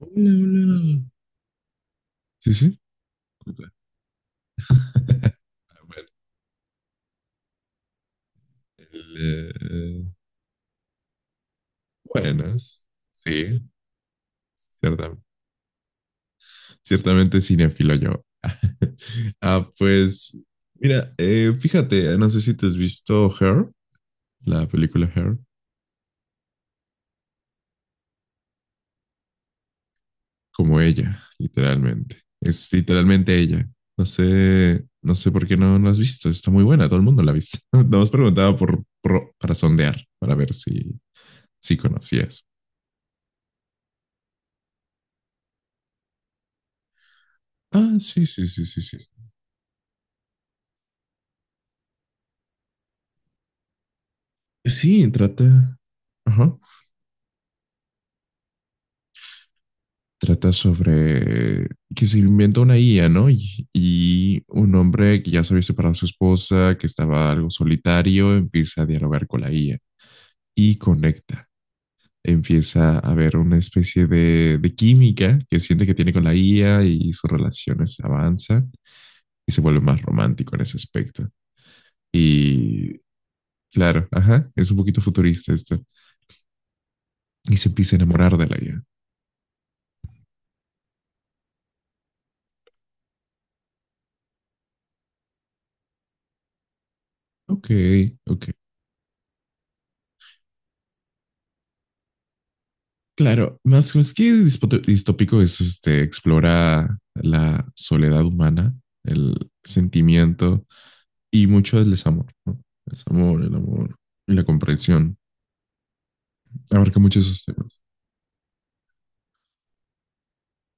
Hola, hola. Sí, sí. escucha. A ver, el, eh, buenas. Sí, ciertamente, ciertamente cinéfilo yo. Ah, pues, mira, fíjate, no sé si te has visto Her, la película Her, como ella, literalmente. Es literalmente ella. No sé por qué no la has visto. Está muy buena, todo el mundo la ha visto. Nos preguntaba para sondear, para ver si conocías. Ah, sí, sí, sí, sí, sí. Pues sí, ajá, trata sobre que se inventa una IA, ¿no? Y un hombre que ya se había separado de su esposa, que estaba algo solitario, empieza a dialogar con la IA y conecta. Empieza a haber una especie de química que siente que tiene con la IA y sus relaciones avanzan y se vuelve más romántico en ese aspecto. Y claro, ajá, es un poquito futurista esto. Y se empieza a enamorar de la IA. Ok, ok. Claro, más que distópico es este, explora la soledad humana, el sentimiento y mucho del desamor, ¿no? El desamor, el amor y la comprensión. Abarca muchos esos temas.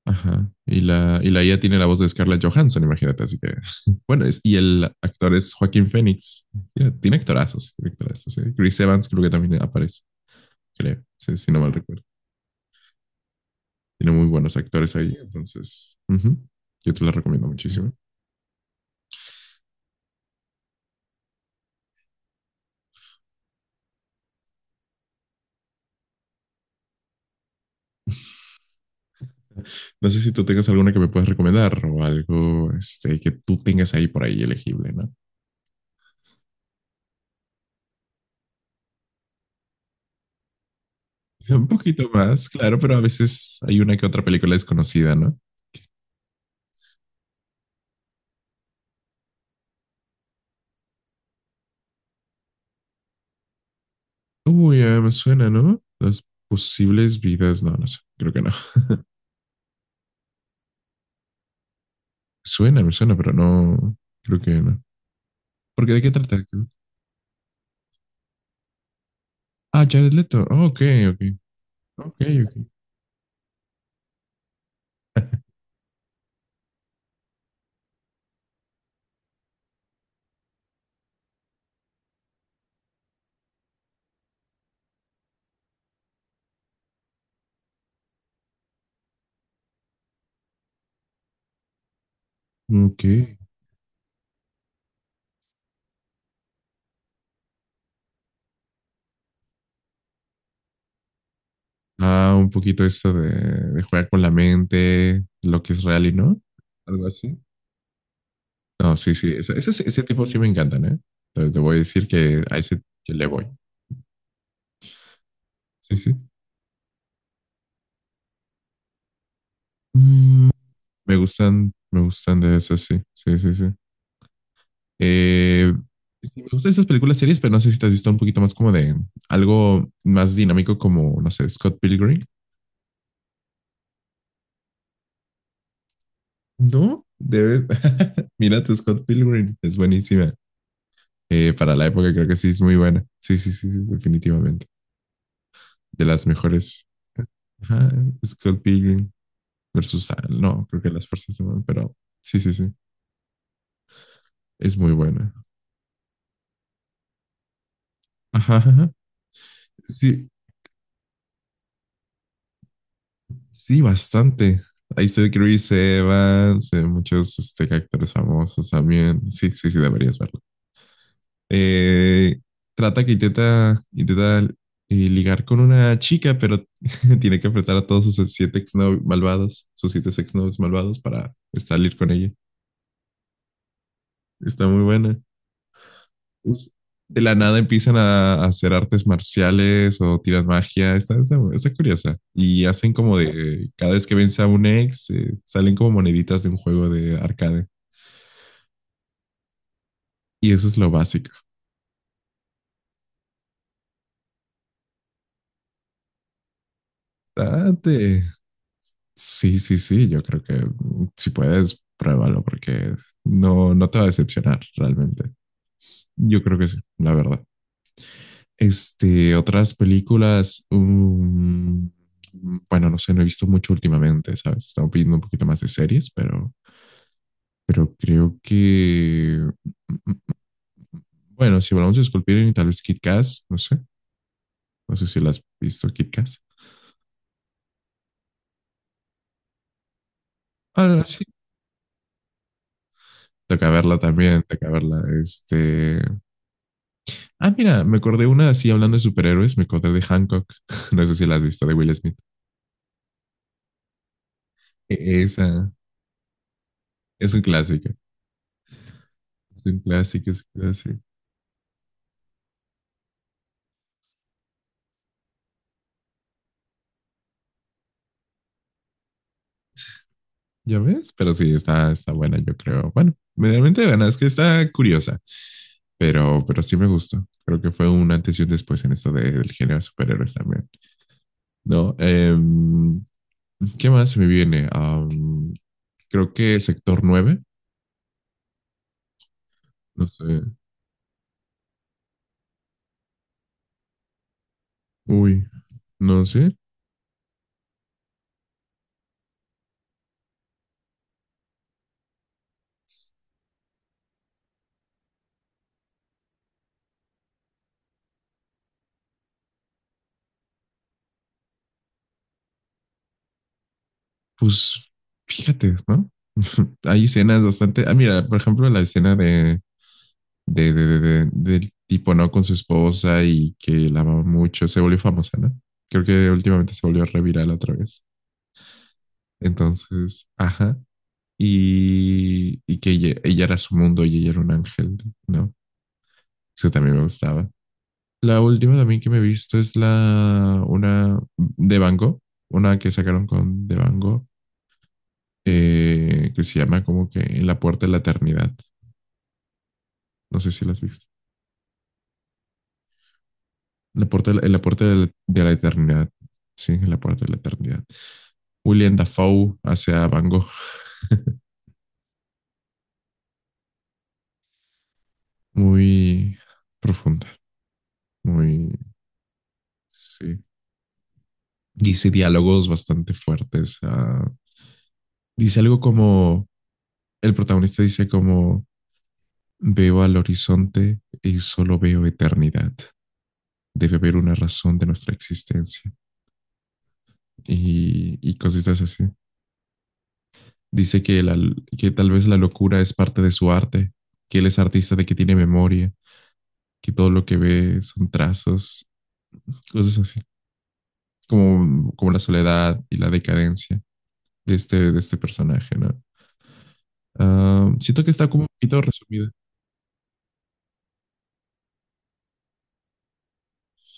Ajá. Y la IA tiene la voz de Scarlett Johansson, imagínate, así que. Bueno, y el actor es Joaquín Phoenix. Mira, tiene actorazos, ¿eh? Chris Evans creo que también aparece. Creo, si no mal recuerdo. Tiene muy buenos actores ahí, entonces ujú, yo te la recomiendo muchísimo. No sé si tú tengas alguna que me puedas recomendar o algo este, que tú tengas ahí por ahí elegible, ¿no? Un poquito más, claro, pero a veces hay una que otra película desconocida, ¿no? Uy, me suena, ¿no? Las posibles vidas, no, no sé, creo que no. Suena, me suena, pero no, creo que no. ¿Porque de qué trata? Ah, Jared Leto. Ah, ok, ok. Ok, ok. Ok. Ah, un poquito eso de jugar con la mente, lo que es real y no. Algo así. No, sí, sí. Ese tipo sí me encantan, ¿eh? Te voy a decir que a ese que le voy. Sí, sí. Mm, me gustan de esas, sí. Sí, sí, sí. Eh, sí, me gustan esas películas series, pero no sé si te has visto un poquito más como de algo más dinámico como, no sé, Scott Pilgrim. No, debes. Mírate, Scott Pilgrim. Es buenísima. Para la época creo que sí es muy buena. Sí, sí, sí, sí, definitivamente. De las mejores. Ajá, Scott Pilgrim versus... ah, no, creo que las fuerzas de mal, pero sí, sí, sí. Es muy buena. Ajá, ajá, ajá. Sí, sí, bastante. Ahí está Chris Evans, muchos este, actores famosos también. Sí, sí, sí, deberías verla. Eh, trata que intenta ligar con una chica, pero tiene que enfrentar a todos sus siete exnovios malvados, sus siete exnovios malvados para salir con ella. Está muy buena. Us- De la nada empiezan a hacer artes marciales o tiran magia. Está curiosa. Y hacen como de, cada vez que vence a un ex, salen como moneditas de un juego de arcade. Y eso es lo básico. Bastante, sí, sí, sí, yo creo que mm, si puedes, pruébalo porque no te va a decepcionar realmente. Yo creo que sí, la verdad. Este, otras películas, bueno, no sé, no he visto mucho últimamente, ¿sabes? Estaba pidiendo un poquito más de series, pero creo que, mm, mm, bueno, si hablamos de Sculpting, tal vez Kit Kat, no sé, no sé si la has visto Kit Kat. Ah, sí, toca verla también, toca verla, este... Ah, mira, me acordé una así hablando de superhéroes, me acordé de Hancock. No sé si la has visto, de Will Smith. Esa es un clásico. Es un clásico, es un clásico. ¿Ya ves? Pero sí, está buena, yo creo. Bueno, medianamente buena, es que está curiosa, pero sí me gustó. Creo que fue un antes y un después en esto del género de superhéroes también. No, em, ¿qué más se me viene? Am, creo que Sector Nueve, no sé. Uy, no sé. Pues fíjate, ¿no? Hay escenas bastante. Ah, mira, por ejemplo, la escena del tipo, ¿no? Con su esposa y que la amaba mucho, se volvió famosa, ¿no? Creo que últimamente se volvió reviral otra vez. Entonces, ajá. Y que ella era su mundo y ella era un ángel, ¿no? Eso también me gustaba. La última también que me he visto es la, una de Van Gogh, una que sacaron con de Van Gogh que se llama como que En la puerta de la eternidad. No sé si la has visto. La puerta, en la puerta de la eternidad. Sí, en la puerta de la eternidad. William Dafoe hacia Van Gogh. Muy profunda, muy... Sí. Dice diálogos bastante fuertes. Ah, dice algo como... El protagonista dice como... Veo al horizonte y solo veo eternidad. Debe haber una razón de nuestra existencia. Y cositas así. Dice que tal vez la locura es parte de su arte, que él es artista de que tiene memoria, que todo lo que ve son trazos, cosas así, como la soledad y la decadencia de este personaje, ¿no? Ah, siento que está como un poquito resumida.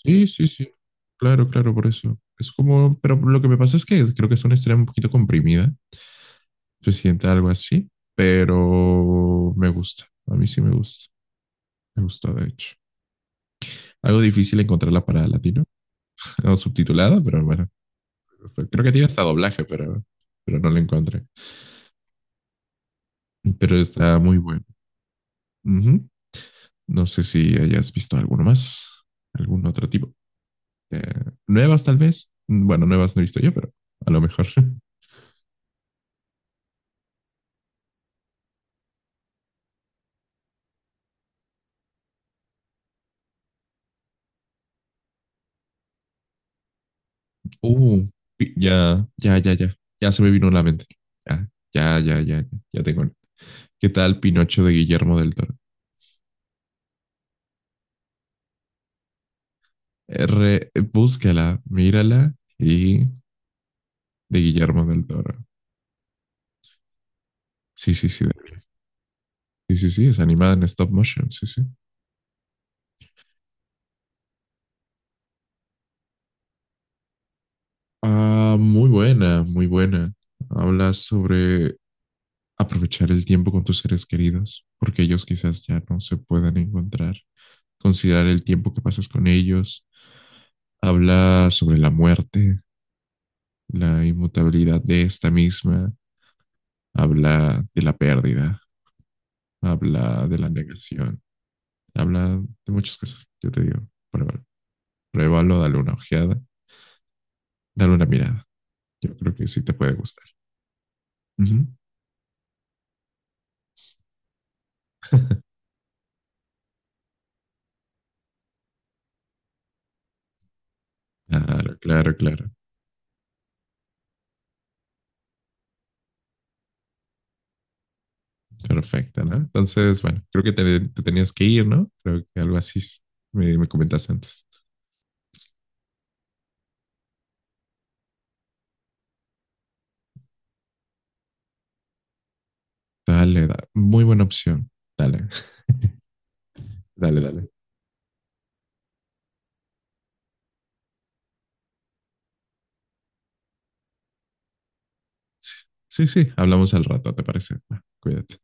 Sí, sí, sí. Claro, claro, por eso. Es como, pero lo que me pasa es que creo que es una historia un poquito comprimida, se siente algo así, pero me gusta, a mí sí me gusta, me gustó de hecho. Algo difícil encontrarla para latino. O subtitulada, pero bueno, creo que tiene hasta doblaje, pero no lo encontré. Pero está muy bueno. Uh -huh. No sé si hayas visto alguno más, algún otro tipo. Eh, nuevas tal vez. Bueno, nuevas no he visto yo, pero a lo mejor. Uh, ya. Ya se me vino a la mente. Ya tengo. ¿Qué tal Pinocho de Guillermo del Toro? R, búscala, mírala y de Guillermo del Toro. Sí, sí, sí, debería. Sí, sí, sí, es animada en stop motion, sí, sí. Ah, muy buena, muy buena. Habla sobre aprovechar el tiempo con tus seres queridos, porque ellos quizás ya no se puedan encontrar. Considerar el tiempo que pasas con ellos. Habla sobre la muerte, la inmutabilidad de esta misma. Habla de la pérdida, habla de la negación, habla de muchas cosas. Yo te digo, pruébalo, pruébalo, dale una ojeada, dale una mirada. Yo creo que sí te puede gustar. Ujú. Claro, claro, claro. Perfecto, ¿no? Entonces, bueno, creo que te tenías que ir, ¿no? Creo que algo así me comentaste antes. Dale, muy buena opción. Dale, dale, dale. Sí, sí, sí, hablamos al rato, ¿te parece? Va, cuídate.